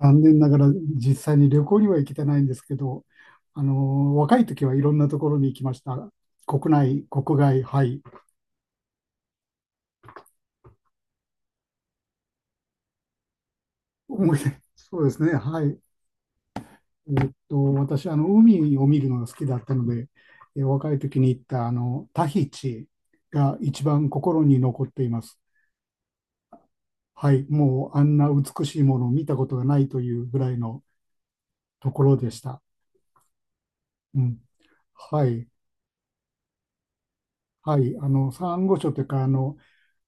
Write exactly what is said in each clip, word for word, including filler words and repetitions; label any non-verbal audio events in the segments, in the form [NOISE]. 残念ながら実際に旅行には行けてないんですけど、あの、若い時はいろんなところに行きました。国内、国外、はい。思い出、そうですね、はい。えっと、私、あの、海を見るのが好きだったので、え若い時に行った、あの、タヒチが一番心に残っています。はい。もう、あんな美しいものを見たことがないというぐらいのところでした。うん。はい。はい。あの、サンゴ礁というか、あの、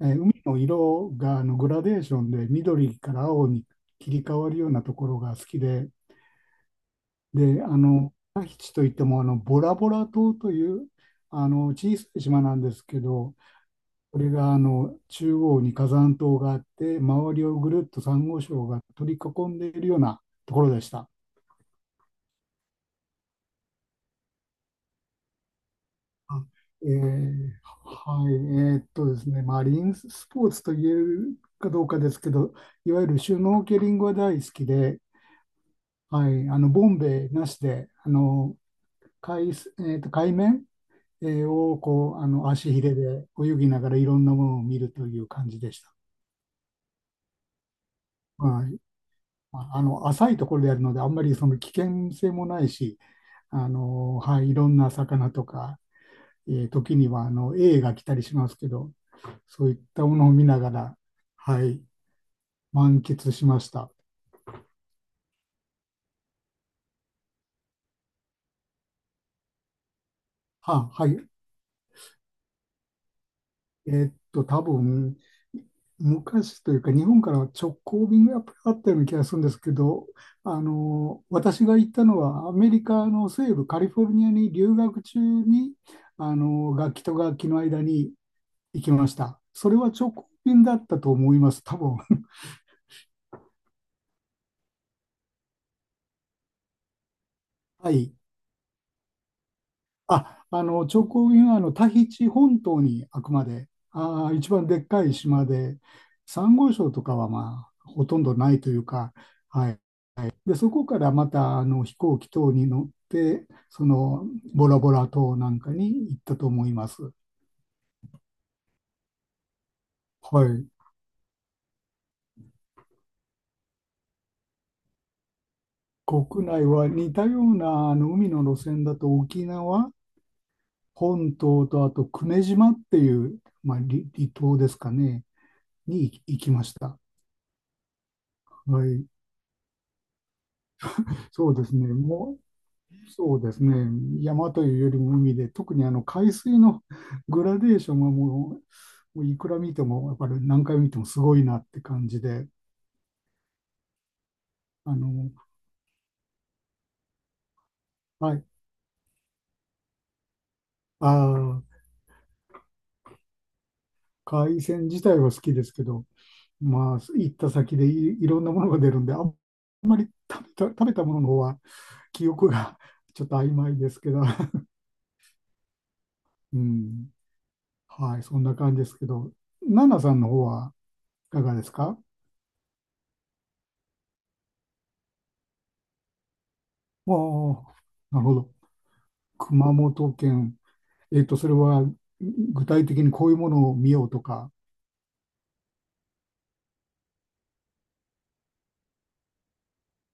えー海の色があのグラデーションで緑から青に切り替わるようなところが好きで、で、あの、タヒチといってもあのボラボラ島というあの小さい島なんですけど、これがあの中央に火山島があって、周りをぐるっとサンゴ礁が取り囲んでいるようなところでした。あえーはい、えーっとですね、マリンスポーツと言えるかどうかですけど、いわゆるシュノーケリングは大好きで、はい、あのボンベなしであの海す、えーと、海面、えーをこうあの足ひれで泳ぎながらいろんなものを見るという感じでした。はい、まああの浅いところでやるのであんまりその危険性もないしあの、はい、いろんな魚とか、えー時にはあのエイが来たりしますけどそういったものを見ながら、はい、満喫しました。は、はい、えーっと、多分、昔というか、日本からは直行便がやっぱりあったような気がするんですけど、あの、私が行ったのは、アメリカの西部カリフォルニアに留学中に、あの、楽器と楽器の間に行きました。それは直行便だったと思います、多分。[LAUGHS] はい。あ、あの、直行便はあのタヒチ本島にあくまで、あー、一番でっかい島で、サンゴ礁とかはまあ、ほとんどないというか、はい。で、そこからまたあの飛行機等に乗って、そのボラボラ島なんかに行ったと思います。はい。国内は似たようなあの海の路線だと沖縄本島とあと久米島っていう、まあ、離、離島ですかね、に行きました。はい。そうですね。もう、そうですね。山というよりも海で、特にあの海水の [LAUGHS] グラデーションはもう、もういくら見ても、やっぱり何回見てもすごいなって感じで、あの、はい。ああ、海鮮自体は好きですけど、まあ、行った先でい、いろんなものが出るんで、あ、食べた、食べたものの方は記憶が [LAUGHS] ちょっと曖昧ですけど、[LAUGHS] うん。はい、そんな感じですけど、ナナさんの方はいかがですか？おー、なるほど。熊本県。えっと、それは具体的にこういうものを見ようとか。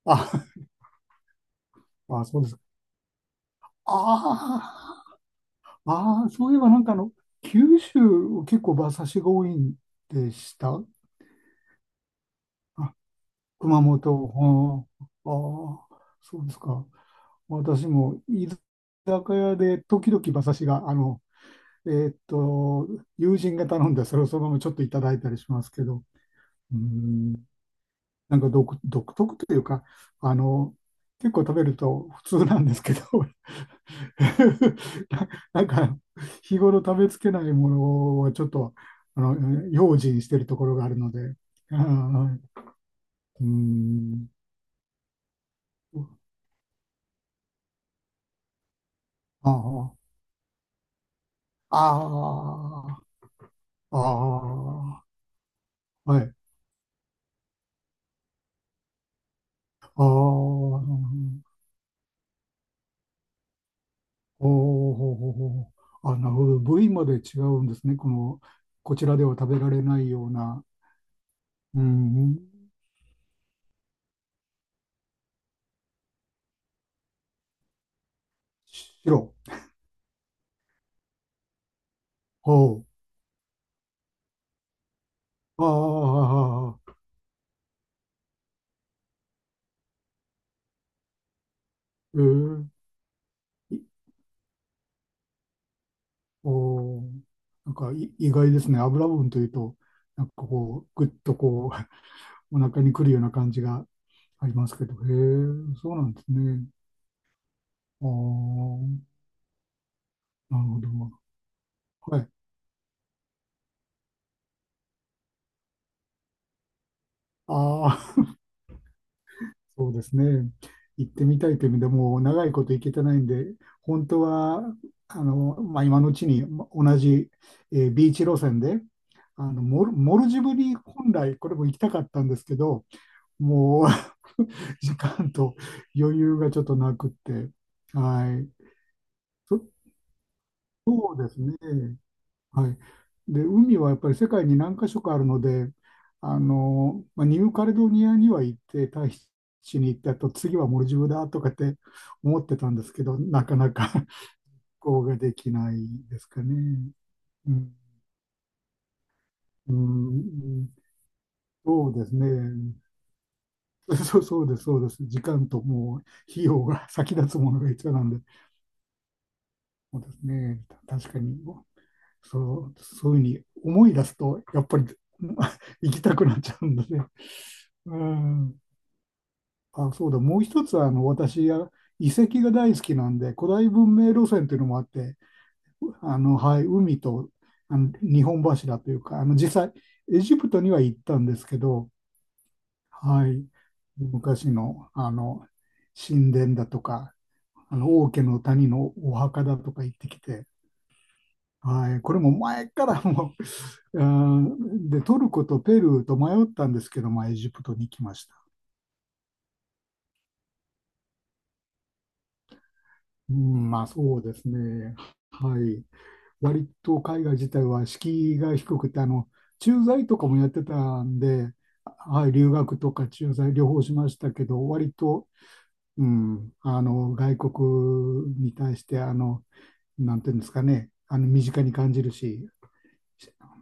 あ、[LAUGHS] あ、そうです。ああ、ああ、そういえばなんかあの、九州結構馬刺しが多いんでした。あ、熊本、ああ、そうですか。私も居酒屋で時々馬刺しが、あの、えーっと、友人が頼んで、それをそのままちょっといただいたりしますけど、うん、なんか独、独特というか、あの、結構食べると普通なんですけど、[LAUGHS] な、なんか、日頃食べつけないものはちょっと、あの、用心してるところがあるので、はいうん、ああ、ああ、ああ、はい、ああ、うんおーほうほうほうあ、なるほど、部位まで違うんですね、この、こちらでは食べられないような、うん、白、ほう、ああ、えー、いおー、なんかい意外ですね、油分というと、なんかこう、ぐっとこう、[LAUGHS] お腹にくるような感じがありますけど、へえ、そうなんですね。ああ、なるほど、はい。ああ、そうですね。行ってみたいという意味でもう長いこと行けてないんで、本当はあの、まあ、今のうちにま同じ、えービーチ路線であのモル、モルジブに本来これも行きたかったんですけど、もう [LAUGHS] 時間と余裕がちょっとなくって、はい、そうですね。はい。で、海はやっぱり世界に何か所かあるので、あの、まあ、ニューカレドニアには行って、タヒチに行ってあと次はモルジブだとかって思ってたんですけど、なかなか [LAUGHS] こうができないですかね。うん、うん、そうですね。[LAUGHS] そうそうです、そうです。時間ともう費用が先立つものが一緒なんで、そうですね。た確かに。そう、そういうふうに思い出すと、やっぱり [LAUGHS] 行きたくなっちゃうんだね。うん。あ、そうだ。もう一つは、あの、私は遺跡が大好きなんで、古代文明路線というのもあって、あの、はい、海と、あの、日本柱というか、あの、実際、エジプトには行ったんですけど、はい、昔の、あの、神殿だとか、あの、王家の谷のお墓だとか行ってきて、はい、これも前からもう、[LAUGHS] うんで、トルコとペルーと迷ったんですけど、まあ、エジプトに来ました。うん、まあそうですね。はい。割と海外自体は敷居が低くて、あの、駐在とかもやってたんで、はい、留学とか駐在両方しましたけど、割と、うん、あの、外国に対して、あの、なんていうんですかね、あの、身近に感じるし、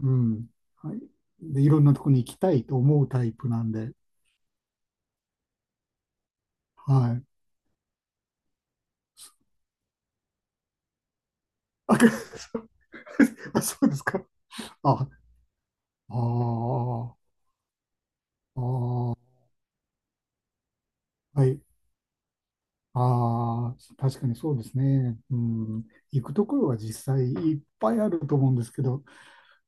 うん、はい。で、いろんなとこに行きたいと思うタイプなんで、はい。あ、く [LAUGHS] あ、そうですか。あ、あーあー、ああはい。ああ、確かにそうですね。うん。行くところは実際いっぱいあると思うんですけど、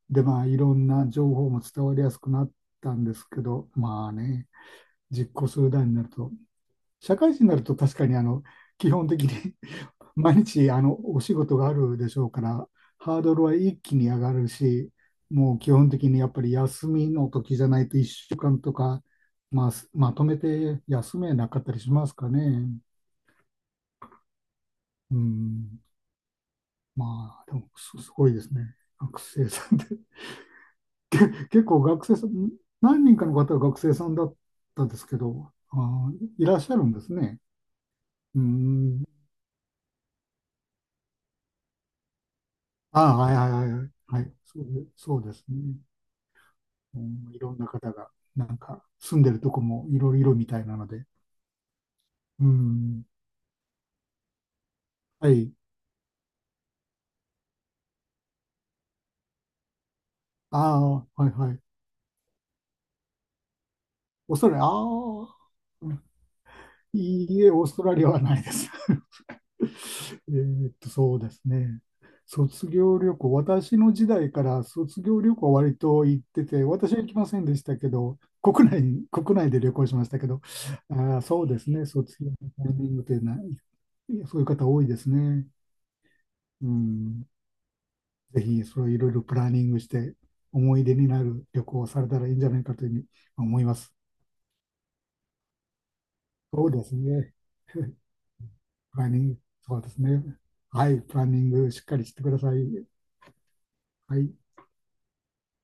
で、まあ、いろんな情報も伝わりやすくなったんですけど、まあね、実行する段になると、社会人になると確かにあの、基本的に毎日あのお仕事があるでしょうから、ハードルは一気に上がるし、もう基本的にやっぱり休みの時じゃないといっしゅうかんとか、まあ、すまとめて休めなかったりしますかね。うん、まあ、でもす、すごいですね。学生さんで。[LAUGHS] 結構学生さん、何人かの方は学生さんだったんですけど、あー、いらっしゃるんですね。うん。ああ、はいはいはいはい。はい、そうで、そうですね。うん、いろんな方が、なんか、住んでるとこもいろいろみたいなので。うん。はい。ああ、はいはい。オーストラリア、ああ、いいえ、オーストラリアはないです。[LAUGHS] えーっと、そうですね。卒業旅行、私の時代から卒業旅行は割と行ってて、私は行きませんでしたけど、国内、国内で旅行しましたけど、あー、そうですね、卒業のタイミングってない、そういう方多いですね。うん。ぜひそれをいろいろプランニングして思い出になる旅行をされたらいいんじゃないかというふうに思います。そうですね。プランニング、そうですね。はい、プランニングしっかりしてください。はい。